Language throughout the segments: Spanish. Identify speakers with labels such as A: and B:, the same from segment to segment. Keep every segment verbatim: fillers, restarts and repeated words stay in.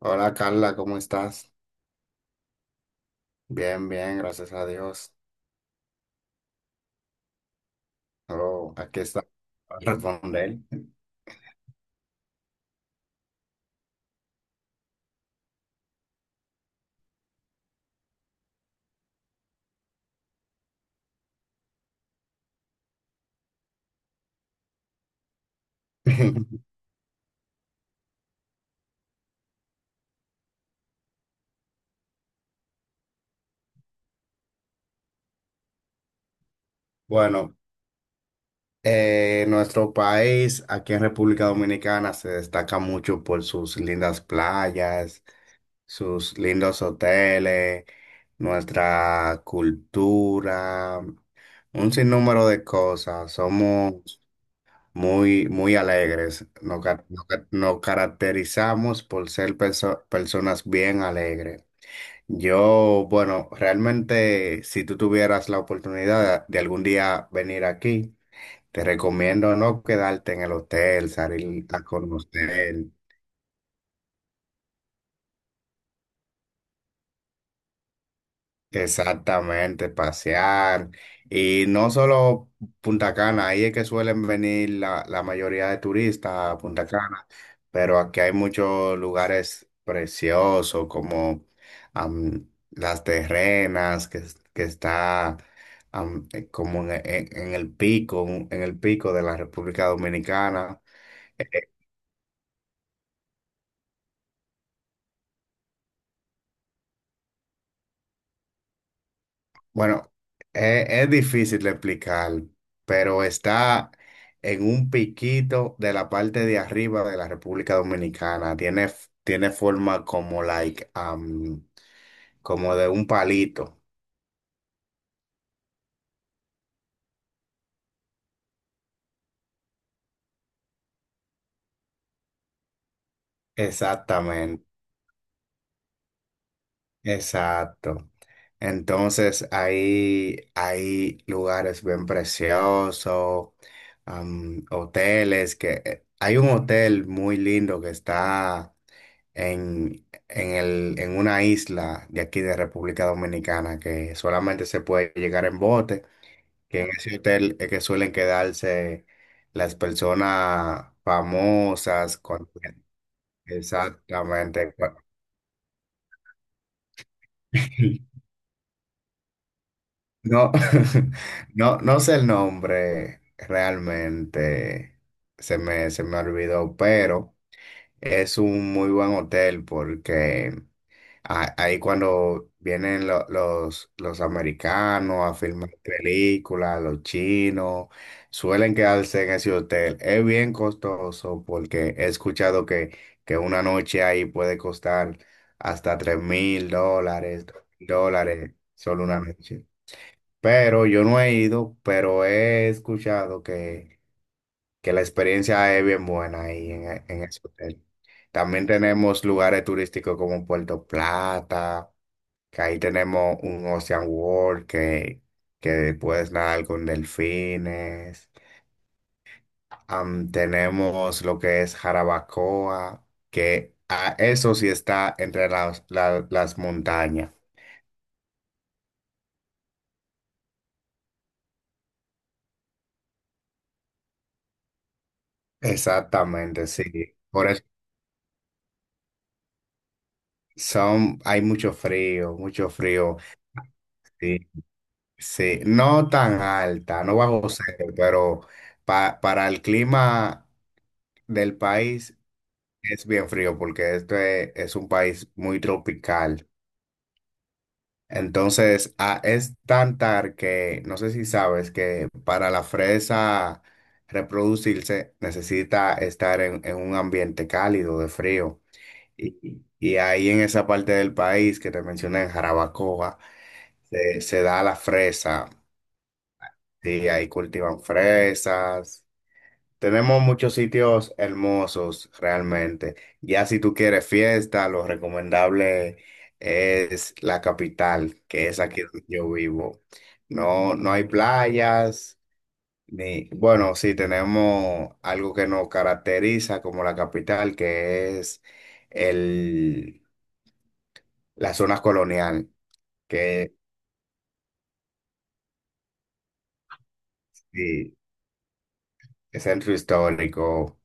A: Hola Carla, ¿cómo estás? Bien, bien, gracias a Dios. Oh, aquí está para responder. Bueno, eh, nuestro país, aquí en República Dominicana, se destaca mucho por sus lindas playas, sus lindos hoteles, nuestra cultura, un sinnúmero de cosas. Somos muy, muy alegres. Nos, ca- nos ca- nos caracterizamos por ser perso- personas bien alegres. Yo, bueno, realmente si tú tuvieras la oportunidad de algún día venir aquí, te recomiendo no quedarte en el hotel, salir a conocer. Exactamente, pasear. Y no solo Punta Cana, ahí es que suelen venir la, la mayoría de turistas a Punta Cana, pero aquí hay muchos lugares preciosos como am, Las Terrenas, que, es- que está am, eh, como en, en- en el pico, en el pico de la República Dominicana. Bueno, e- es difícil de explicar, pero está en un piquito de la parte de arriba de la República Dominicana. Tiene, f- tiene forma como like, am, como de un palito. Exactamente, exacto. Entonces ahí hay lugares bien preciosos. Am, hoteles que eh, hay un hotel muy lindo que está en, en el, en una isla de aquí de República Dominicana que solamente se puede llegar en bote, que en ese hotel es que suelen quedarse las personas famosas. Con- exactamente. No, no, no sé el nombre realmente, se me, se me olvidó, pero... Es un muy buen hotel porque a- ahí cuando vienen lo- los, los americanos a filmar películas, los chinos, suelen quedarse en ese hotel. Es bien costoso porque he escuchado que, que una noche ahí puede costar hasta tres mil dólares, dos mil dólares, solo una noche. Pero yo no he ido, pero he escuchado que la experiencia es bien buena ahí en, e- en ese hotel. También tenemos lugares turísticos como Puerto Plata, que ahí tenemos un Ocean World que, que puedes nadar con delfines. Am, tenemos lo que es Jarabacoa, que a eso sí está entre las, la- las montañas. Exactamente, sí. Por eso son, hay mucho frío, mucho frío. Sí. Sí, no tan alta, no bajo cero, pero pa- para el clima del país es bien frío porque este es un país muy tropical. Entonces, ah, es tan tar que no sé si sabes que para la fresa reproducirse necesita estar en, en un ambiente cálido de frío. Y, y ahí en esa parte del país que te mencioné, en Jarabacoa, se, se da la fresa. Sí, ahí cultivan fresas. Tenemos muchos sitios hermosos realmente. Ya si tú quieres fiesta, lo recomendable es la capital, que es aquí donde yo vivo. No, no hay playas, ni, bueno, sí tenemos algo que nos caracteriza como la capital, que es el, la zona colonial, que sí, es centro histórico.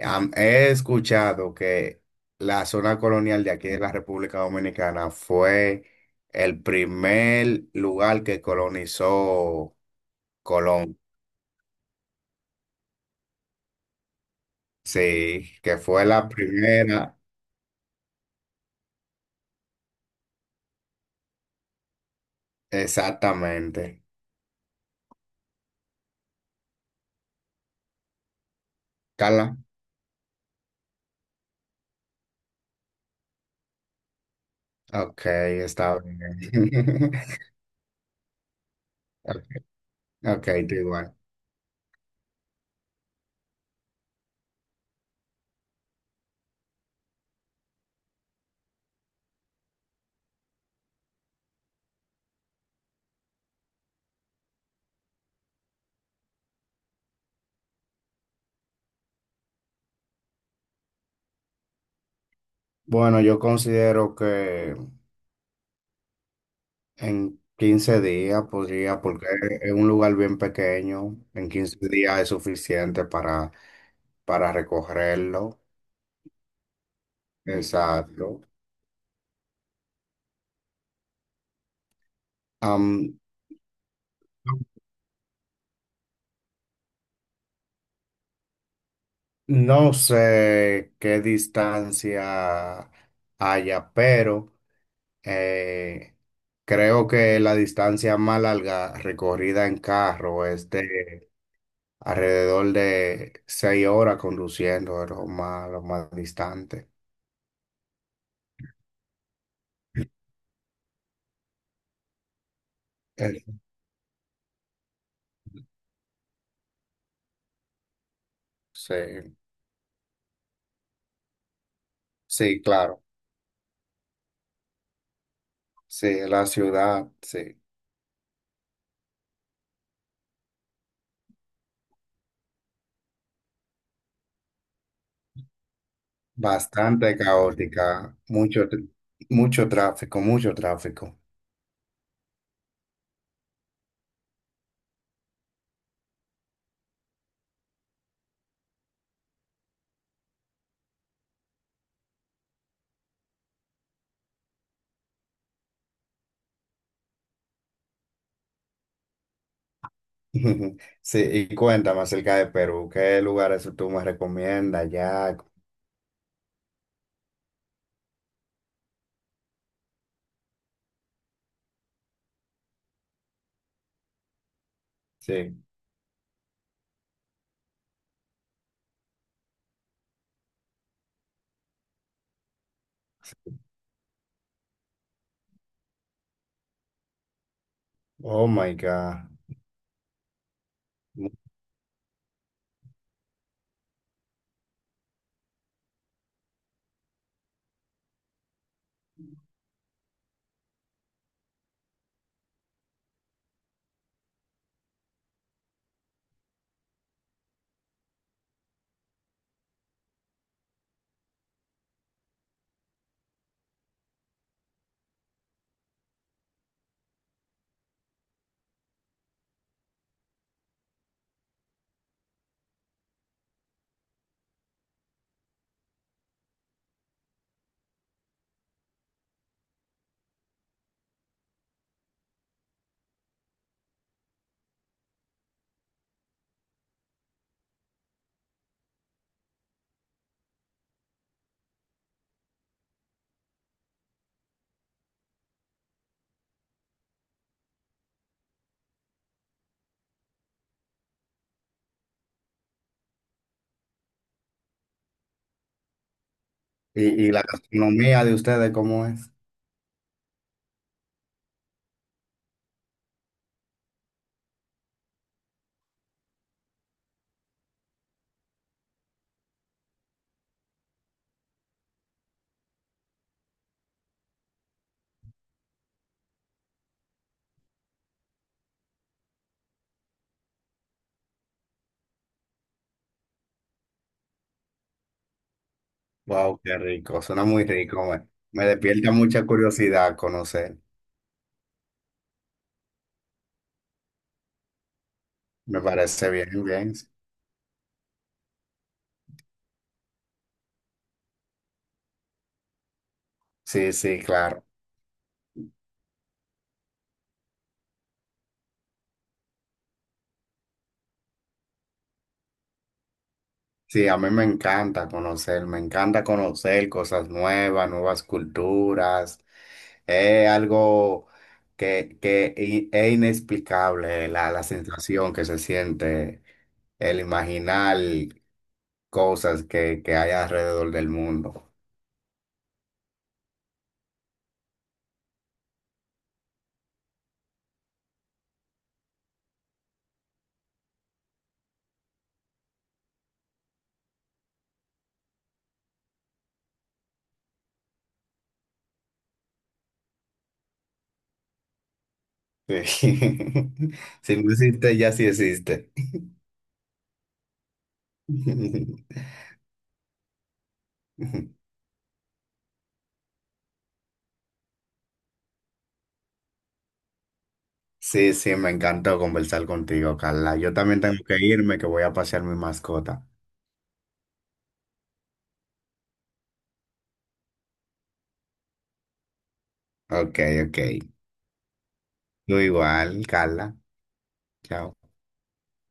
A: Am- He escuchado que la zona colonial de aquí de la República Dominicana fue el primer lugar que colonizó Colón. Sí, que fue la primera. Exactamente. Carla. Ok, está bien. Ok, tú igual. Bueno, yo considero que en quince días podría, porque es un lugar bien pequeño, en quince días es suficiente para para recogerlo. Exacto. Am, No, no sé qué distancia haya, pero eh, creo que la distancia más larga recorrida en carro es de alrededor de seis horas conduciendo, es lo más, lo más distante. Eh, Sí, sí, claro. Sí, la ciudad, sí. Bastante caótica, mucho, tr- mucho tráfico, mucho tráfico. Sí, y cuéntame acerca de Perú, ¿qué lugares tú me recomiendas ya? Sí, oh my God. ¿Y, y la gastronomía de ustedes cómo es? Wow, qué rico, suena muy rico, me, me despierta mucha curiosidad conocer, me parece bien, bien. Sí, sí, claro. Sí, a mí me encanta conocer, me encanta conocer cosas nuevas, nuevas culturas. Es algo que, que i- es inexplicable la, la sensación que se siente el imaginar cosas que, que hay alrededor del mundo. Sí. Si no existe, ya sí existe. Sí, sí, me encantó conversar contigo, Carla. Yo también tengo que irme, que voy a pasear mi mascota. Ok, ok. Tú igual, Carla. Chao.